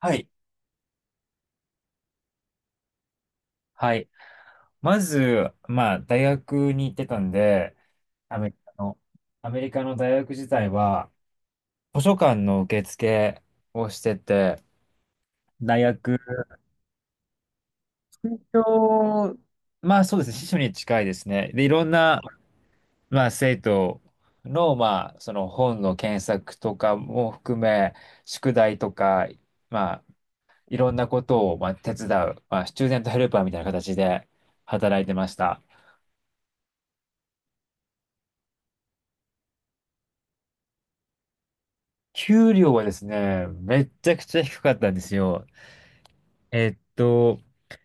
はい。はい。まず、大学に行ってたんで、アメリカの、アメリカの大学自体は、図書館の受付をしてて、大学、身長、まあそうですね、司書に近いですね。で、いろんな、まあ、生徒の、その本の検索とかも含め、宿題とか、まあ、いろんなことを、手伝う、スチューデントヘルパーみたいな形で働いてました。給料はですね、めっちゃくちゃ低かったんですよ。えっと、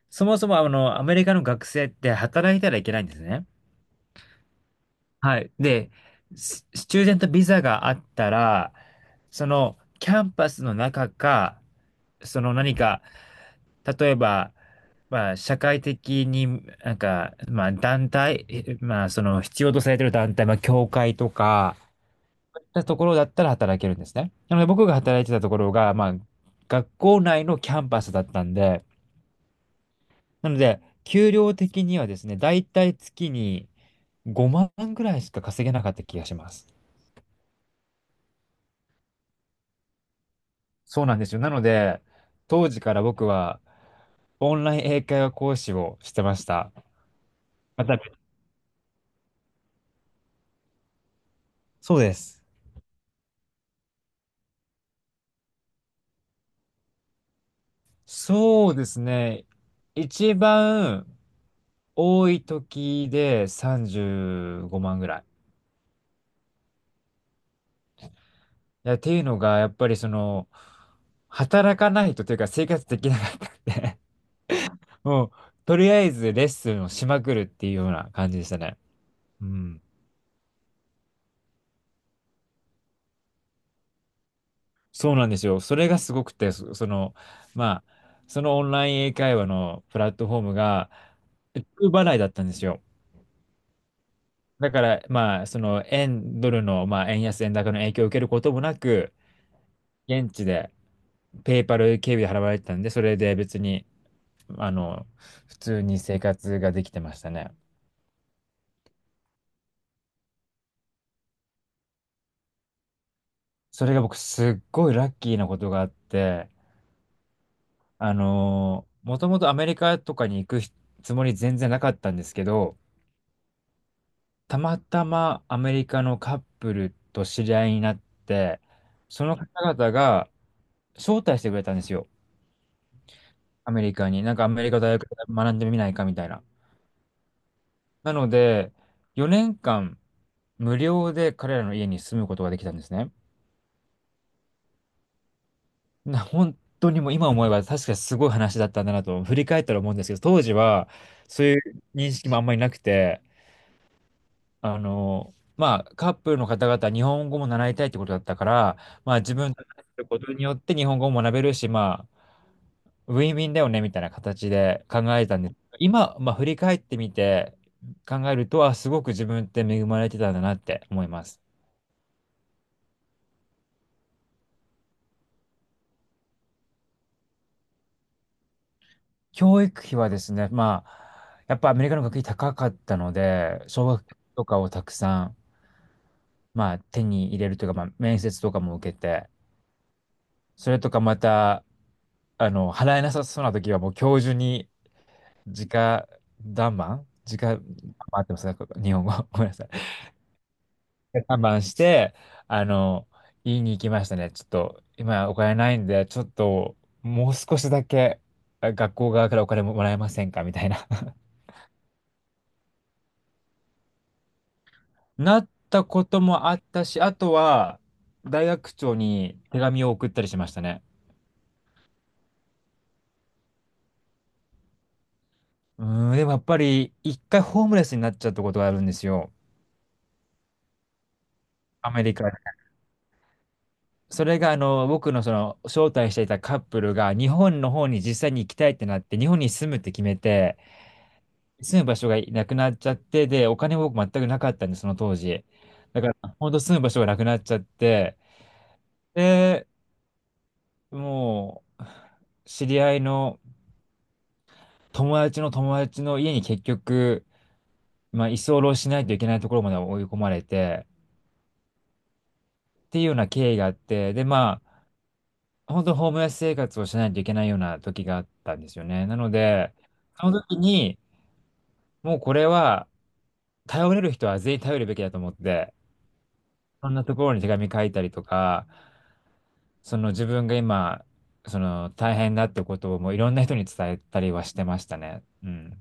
そもそもアメリカの学生って働いたらいけないんですね。はい。で、スチューデントビザがあったら、そのキャンパスの中か、その何か、例えば、社会的に、なんか、まあ、団体、えまあ、その必要とされてる団体、まあ、教会とか、たところだったら働けるんですね。なので僕が働いてたところが、学校内のキャンパスだったんで、なので、給料的にはですね、だいたい月に5万ぐらいしか稼げなかった気がします。そうなんですよ。なので、当時から僕はオンライン英会話講師をしてました。また、そうです。そうですね。一番多い時で35万ぐらい。いや、っていうのが、やっぱりその、働かないとというか生活できなかったんで もう、とりあえずレッスンをしまくるっていうような感じでしたね。うん。そうなんですよ。それがすごくて、そのオンライン英会話のプラットフォームが、ド払いだったんですよ。だから、ドルの、円安、円高の影響を受けることもなく、現地で、ペイパル経由で払われてたんで、それで別に、あの、普通に生活ができてましたね。それが僕すっごいラッキーなことがあって、もともとアメリカとかに行くつもり全然なかったんですけど、たまたまアメリカのカップルと知り合いになって、その方々が招待してくれたんですよ。アメリカに。なんかアメリカ大学で学んでみないかみたいな。なので、4年間無料で彼らの家に住むことができたんですね。本当にもう今思えば確かにすごい話だったんだなと振り返ったら思うんですけど、当時はそういう認識もあんまりなくて、まあカップルの方々は日本語も習いたいってことだったから、まあ自分たちのすることによって日本語も学べるし、まあウィンウィンだよねみたいな形で考えたんです。今、まあ振り返ってみて考えると、あ、すごく自分って恵まれてたんだなって思います。教育費はですね、まあ、やっぱアメリカの学費高かったので、奨学金とかをたくさん、手に入れるというか、面接とかも受けて、それとかまた、あの、払えなさそうな時はもう教授に直談判、合ってますか日本語。ごめんなさい。談判して、あの、言いに行きましたね。ちょっと、今お金ないんで、ちょっと、もう少しだけ学校側からお金ももらえませんかみたいな。なったこともあったし、あとは、大学長に手紙を送ったりしましたね。うーん、でもやっぱり、一回ホームレスになっちゃったことがあるんですよ。アメリカで。それが、あの、僕のその、招待していたカップルが、日本の方に実際に行きたいってなって、日本に住むって決めて、住む場所がなくなっちゃって、で、お金も僕全くなかったんで、その当時。ほんと住む場所がなくなっちゃって、で、もう、知り合いの友達の友達の家に結局、居候しないといけないところまで追い込まれて、っていうような経緯があって、で、本当ホームレス生活をしないといけないような時があったんですよね。なので、その時に、もうこれは、頼れる人は全員頼るべきだと思って、そんなところに手紙書いたりとか、自分が今、その大変だってことをもういろんな人に伝えたりはしてましたね。うん。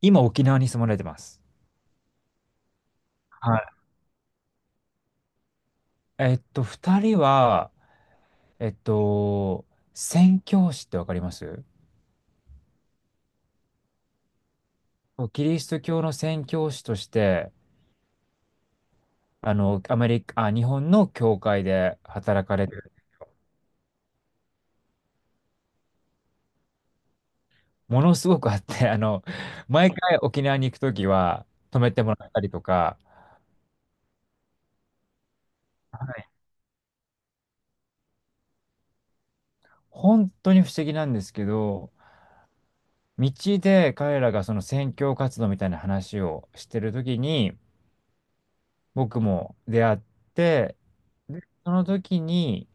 今沖縄に住まれてます。はい。二人は、えっと、宣教師ってわかりますそうキリスト教の宣教師として、あの、アメリカ、あ、日本の教会で働かれてる、ものすごくあって、あの、毎回沖縄に行くときは泊めてもらったりとか、はい本当に不思議なんですけど、道で彼らがその宣教活動みたいな話をしてるときに、僕も出会って、で、その時に、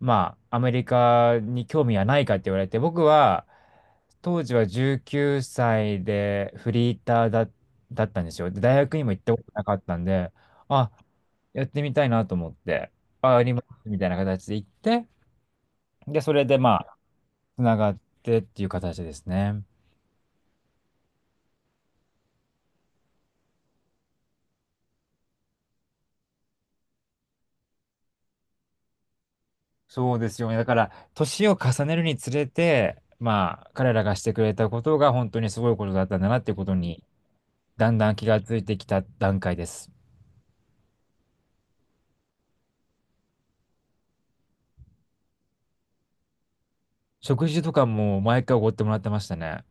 まあ、アメリカに興味はないかって言われて、僕は、当時は19歳でフリーターだ、だったんですよ。で大学にも行ったことなかったんで、あ、やってみたいなと思って、あ、ありますみたいな形で行って、で、それでまあ、つながってっていう形ですね。そうですよね。だから、年を重ねるにつれて、まあ、彼らがしてくれたことが本当にすごいことだったんだなっていうことに、だんだん気がついてきた段階です。食事とかも毎回おごってもらってましたね。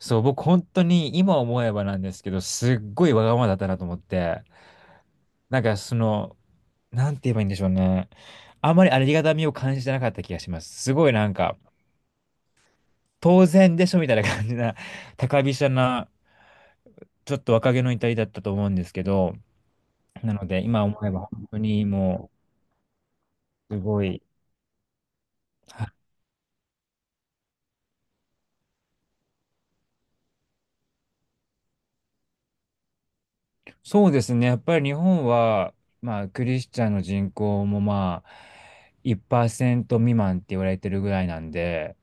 そう、僕本当に今思えばなんですけど、すっごいわがままだったなと思って、なんかその、なんて言えばいいんでしょうね。あんまりありがたみを感じてなかった気がします。すごいなんか、当然でしょみたいな感じな、高飛車な、ちょっと若気の至りだったと思うんですけど、なので今思えば本当にもう、すごい、そうですね。やっぱり日本は、まあ、クリスチャンの人口もまあ、1%未満って言われてるぐらいなんで、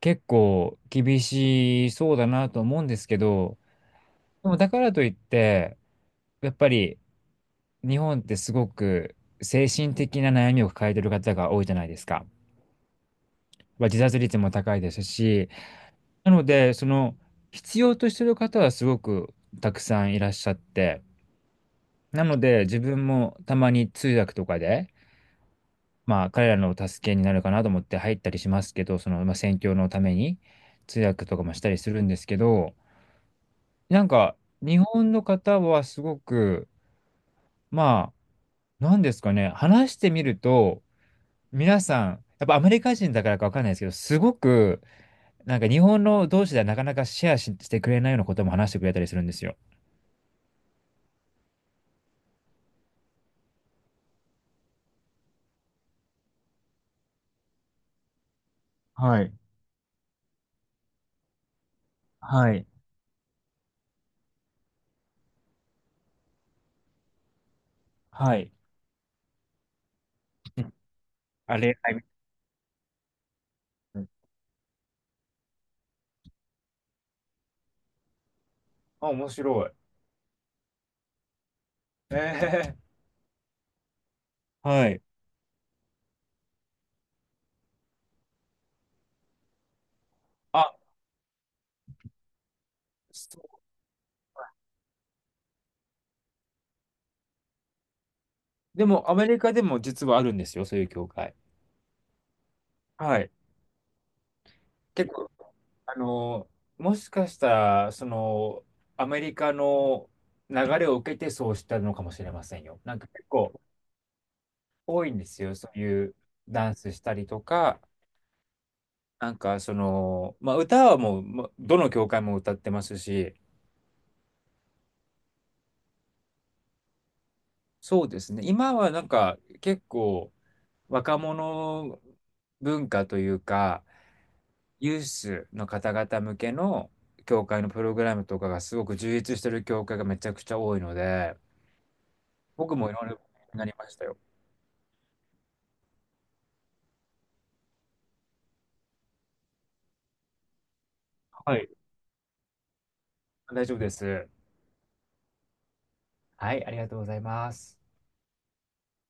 結構厳しそうだなと思うんですけど、でもだからといって、やっぱり日本ってすごく精神的な悩みを抱えてる方が多いじゃないですか。まあ自殺率も高いですし、なので、必要としてる方はすごくたくさんいらっしゃって、なので、自分もたまに通訳とかで、まあ、彼らの助けになるかなと思って入ったりしますけど、宣教のために通訳とかもしたりするんですけど、なんか、日本の方はすごく、まあ、なんですかね、話してみると、皆さん、やっぱアメリカ人だからかわかんないですけど、すごく、なんか日本の同士ではなかなかシェアししてくれないようなことも話してくれたりするんですよ。はい、はい、はい。あれ、はい。あ、面白い。ええはい。あ、そでも、アメリカでも実はあるんですよ、そういう教会。はい。結構、あの、もしかしたら、アメリカの流れを受けてそうしたのかもしれませんよ。なんか結構多いんですよ、そういうダンスしたりとか、歌はもう、どの教会も歌ってますし、そうですね、今はなんか結構若者文化というか、ユースの方々向けの教会のプログラムとかがすごく充実してる教会がめちゃくちゃ多いので、僕もいろいろなりましたよ。はい。大丈夫です。はい、ありがとうございます。